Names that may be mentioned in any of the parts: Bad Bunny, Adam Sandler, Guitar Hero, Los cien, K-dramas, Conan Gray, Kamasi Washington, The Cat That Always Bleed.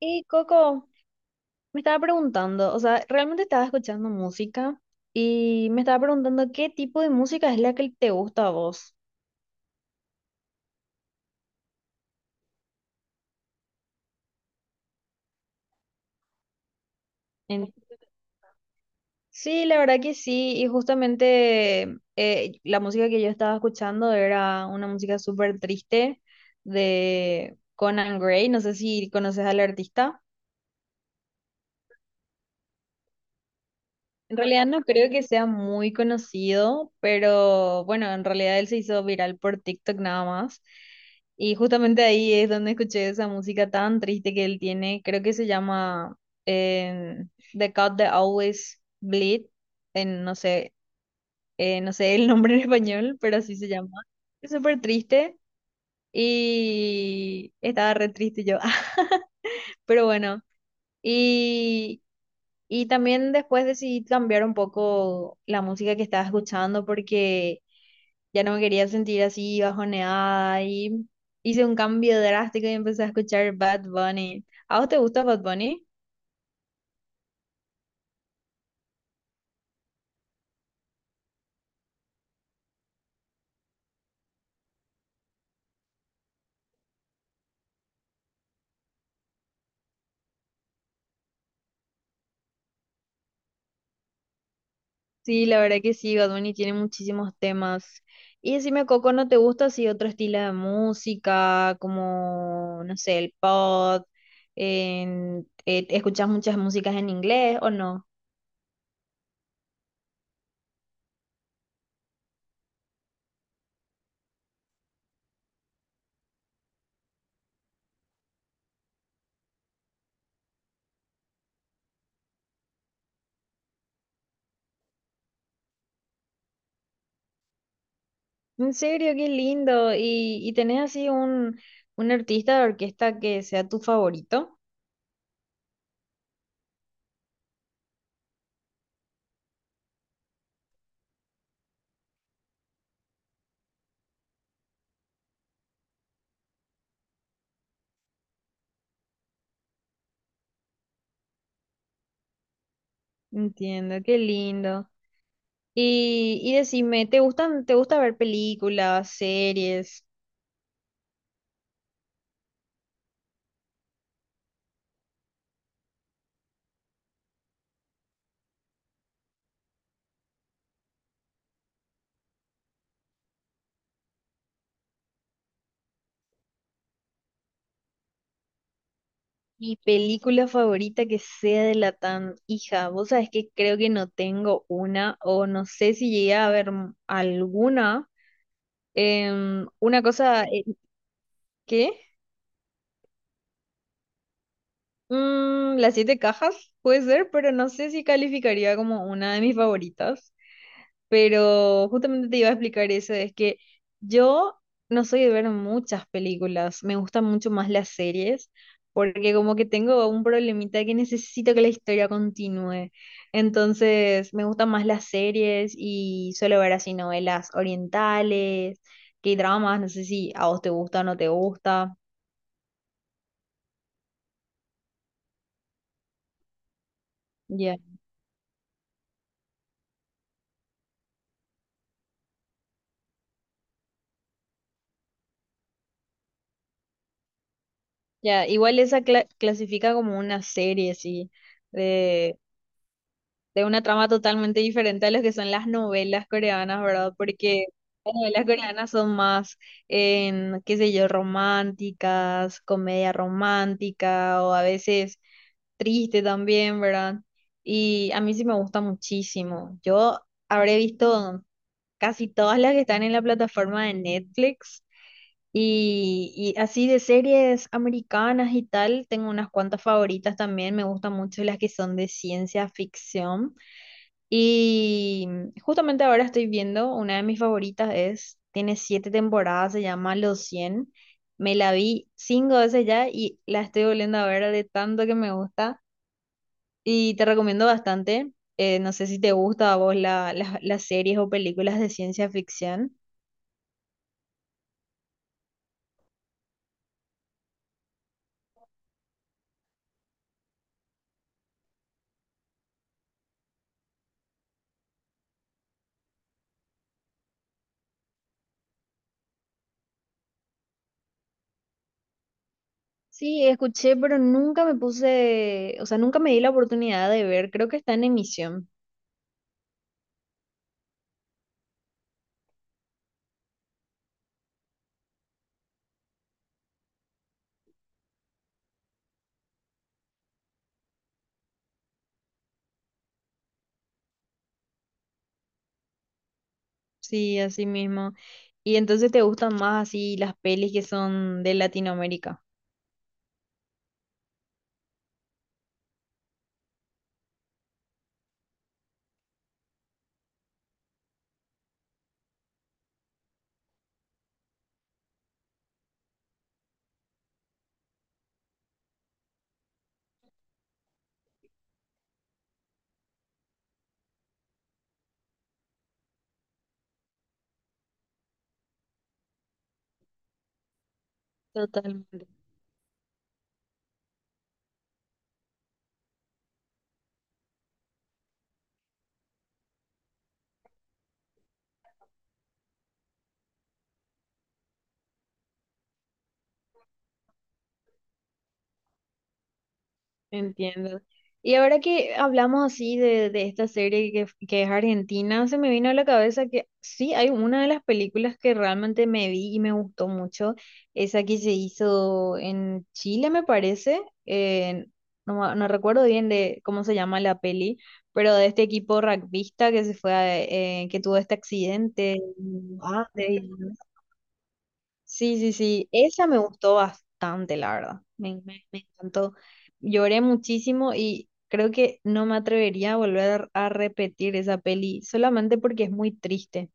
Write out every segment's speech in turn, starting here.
Y Coco, me estaba preguntando, o sea, realmente estaba escuchando música y me estaba preguntando qué tipo de música es la que te gusta a vos. En- Sí, la verdad que sí, y justamente la música que yo estaba escuchando era una música súper triste de Conan Gray, no sé si conoces al artista. En realidad no creo que sea muy conocido, pero bueno, en realidad él se hizo viral por TikTok nada más. Y justamente ahí es donde escuché esa música tan triste que él tiene. Creo que se llama eh, The Cat That Always Bleed. No sé, no sé el nombre en español, pero así se llama. Es súper triste y estaba re triste yo. Pero bueno, Y y también después decidí cambiar un poco la música que estaba escuchando porque ya no me quería sentir así bajoneada y hice un cambio drástico y empecé a escuchar Bad Bunny. ¿A vos te gusta Bad Bunny? Sí, la verdad que sí, Bad Bunny tiene muchísimos temas. Y decime, Coco, ¿no te gusta así otro estilo de música como, no sé, el pop? En, ¿Escuchas muchas músicas en inglés o no? En serio, qué lindo. ¿Y, tenés así un artista de orquesta que sea tu favorito? Entiendo, qué lindo. Y decime, ¿te gustan, te gusta ver películas, series? Mi película favorita que sea de Latam, hija, vos sabés que creo que no tengo una, o no sé si llegué a ver alguna. Una cosa, ¿qué? Mm, las siete cajas, puede ser, pero no sé si calificaría como una de mis favoritas. Pero justamente te iba a explicar eso, es que yo no soy de ver muchas películas, me gustan mucho más las series, porque como que tengo un problemita que necesito que la historia continúe, entonces me gustan más las series y suelo ver así novelas orientales, K-dramas, no sé si a vos te gusta o no te gusta, ya, ya, igual esa clasifica como una serie, sí de una trama totalmente diferente a lo que son las novelas coreanas, ¿verdad? Porque las novelas coreanas son más, qué sé yo, románticas, comedia romántica o a veces triste también, ¿verdad? Y a mí sí me gusta muchísimo. Yo habré visto casi todas las que están en la plataforma de Netflix. Y así de series americanas y tal, tengo unas cuantas favoritas también, me gustan mucho las que son de ciencia ficción. Y justamente ahora estoy viendo, una de mis favoritas es, tiene 7 temporadas, se llama Los cien. Me la vi 5 veces ya y la estoy volviendo a ver de tanto que me gusta. Y te recomiendo bastante. No sé si te gusta a vos las series o películas de ciencia ficción. Sí, escuché, pero nunca me puse, o sea, nunca me di la oportunidad de ver. Creo que está en emisión. Sí, así mismo. Y entonces te gustan más así las pelis que son de Latinoamérica. Totalmente, entiendo. Y ahora que hablamos así de esta serie que es argentina, se me vino a la cabeza que sí, hay una de las películas que realmente me vi y me gustó mucho, esa que se hizo en Chile, me parece, eh, no, no recuerdo bien de cómo se llama la peli, pero de este equipo rugbyista que se fue que tuvo este accidente. Ah, Sí, sí, sí, esa me gustó bastante, la verdad. Me, me encantó. Lloré muchísimo y creo que no me atrevería a volver a repetir esa peli solamente porque es muy triste.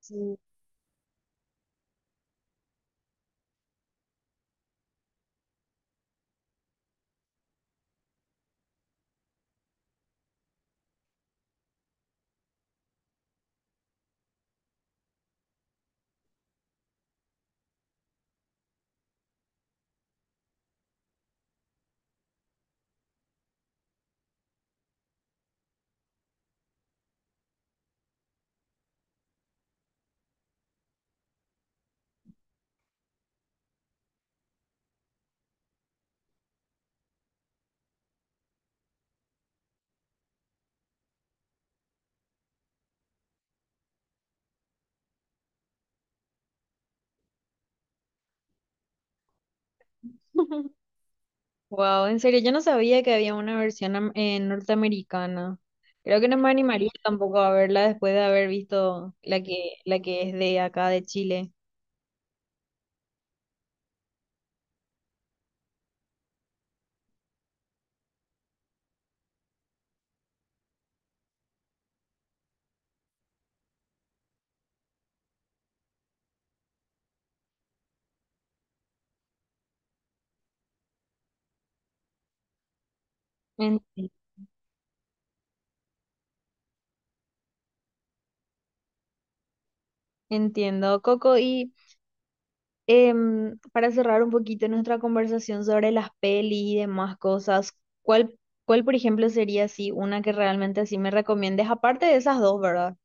Sí. Wow, en serio, yo no sabía que había una versión norteamericana. Creo que no me animaría tampoco a verla después de haber visto la que es de acá de Chile. En- Entiendo, Coco, para cerrar un poquito nuestra conversación sobre las pelis y demás cosas, ¿cuál, cuál, por ejemplo, sería así una que realmente así me recomiendes? Aparte de esas dos, ¿verdad?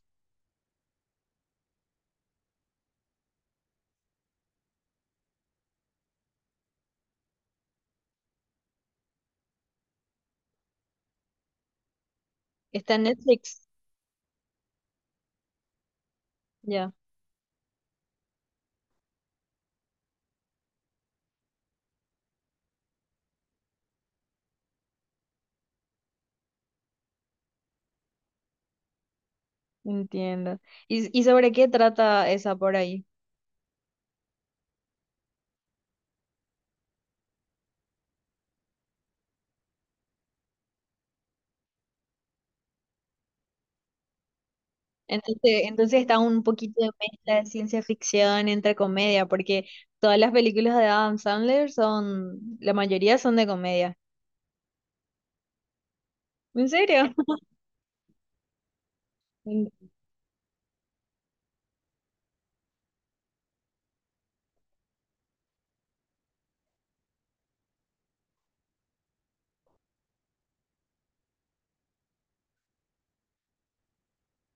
Está en Netflix. Ya, entiendo. Y sobre qué trata esa por ahí? Entonces, entonces está un poquito de mezcla de ciencia ficción entre comedia, porque todas las películas de Adam Sandler son, la mayoría son de comedia. ¿En serio?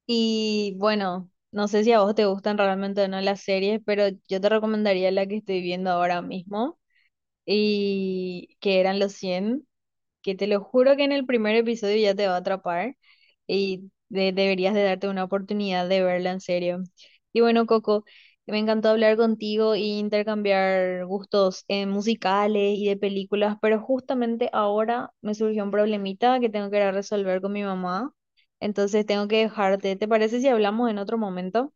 Y bueno, no sé si a vos te gustan realmente o no las series, pero yo te recomendaría la que estoy viendo ahora mismo, y que eran los cien, que te lo juro que en el primer episodio ya te va a atrapar y deberías de darte una oportunidad de verla en serio. Y bueno, Coco, me encantó hablar contigo e intercambiar gustos musicales y de películas, pero justamente ahora me surgió un problemita que tengo que ir a resolver con mi mamá, entonces tengo que dejarte. ¿Te parece si hablamos en otro momento?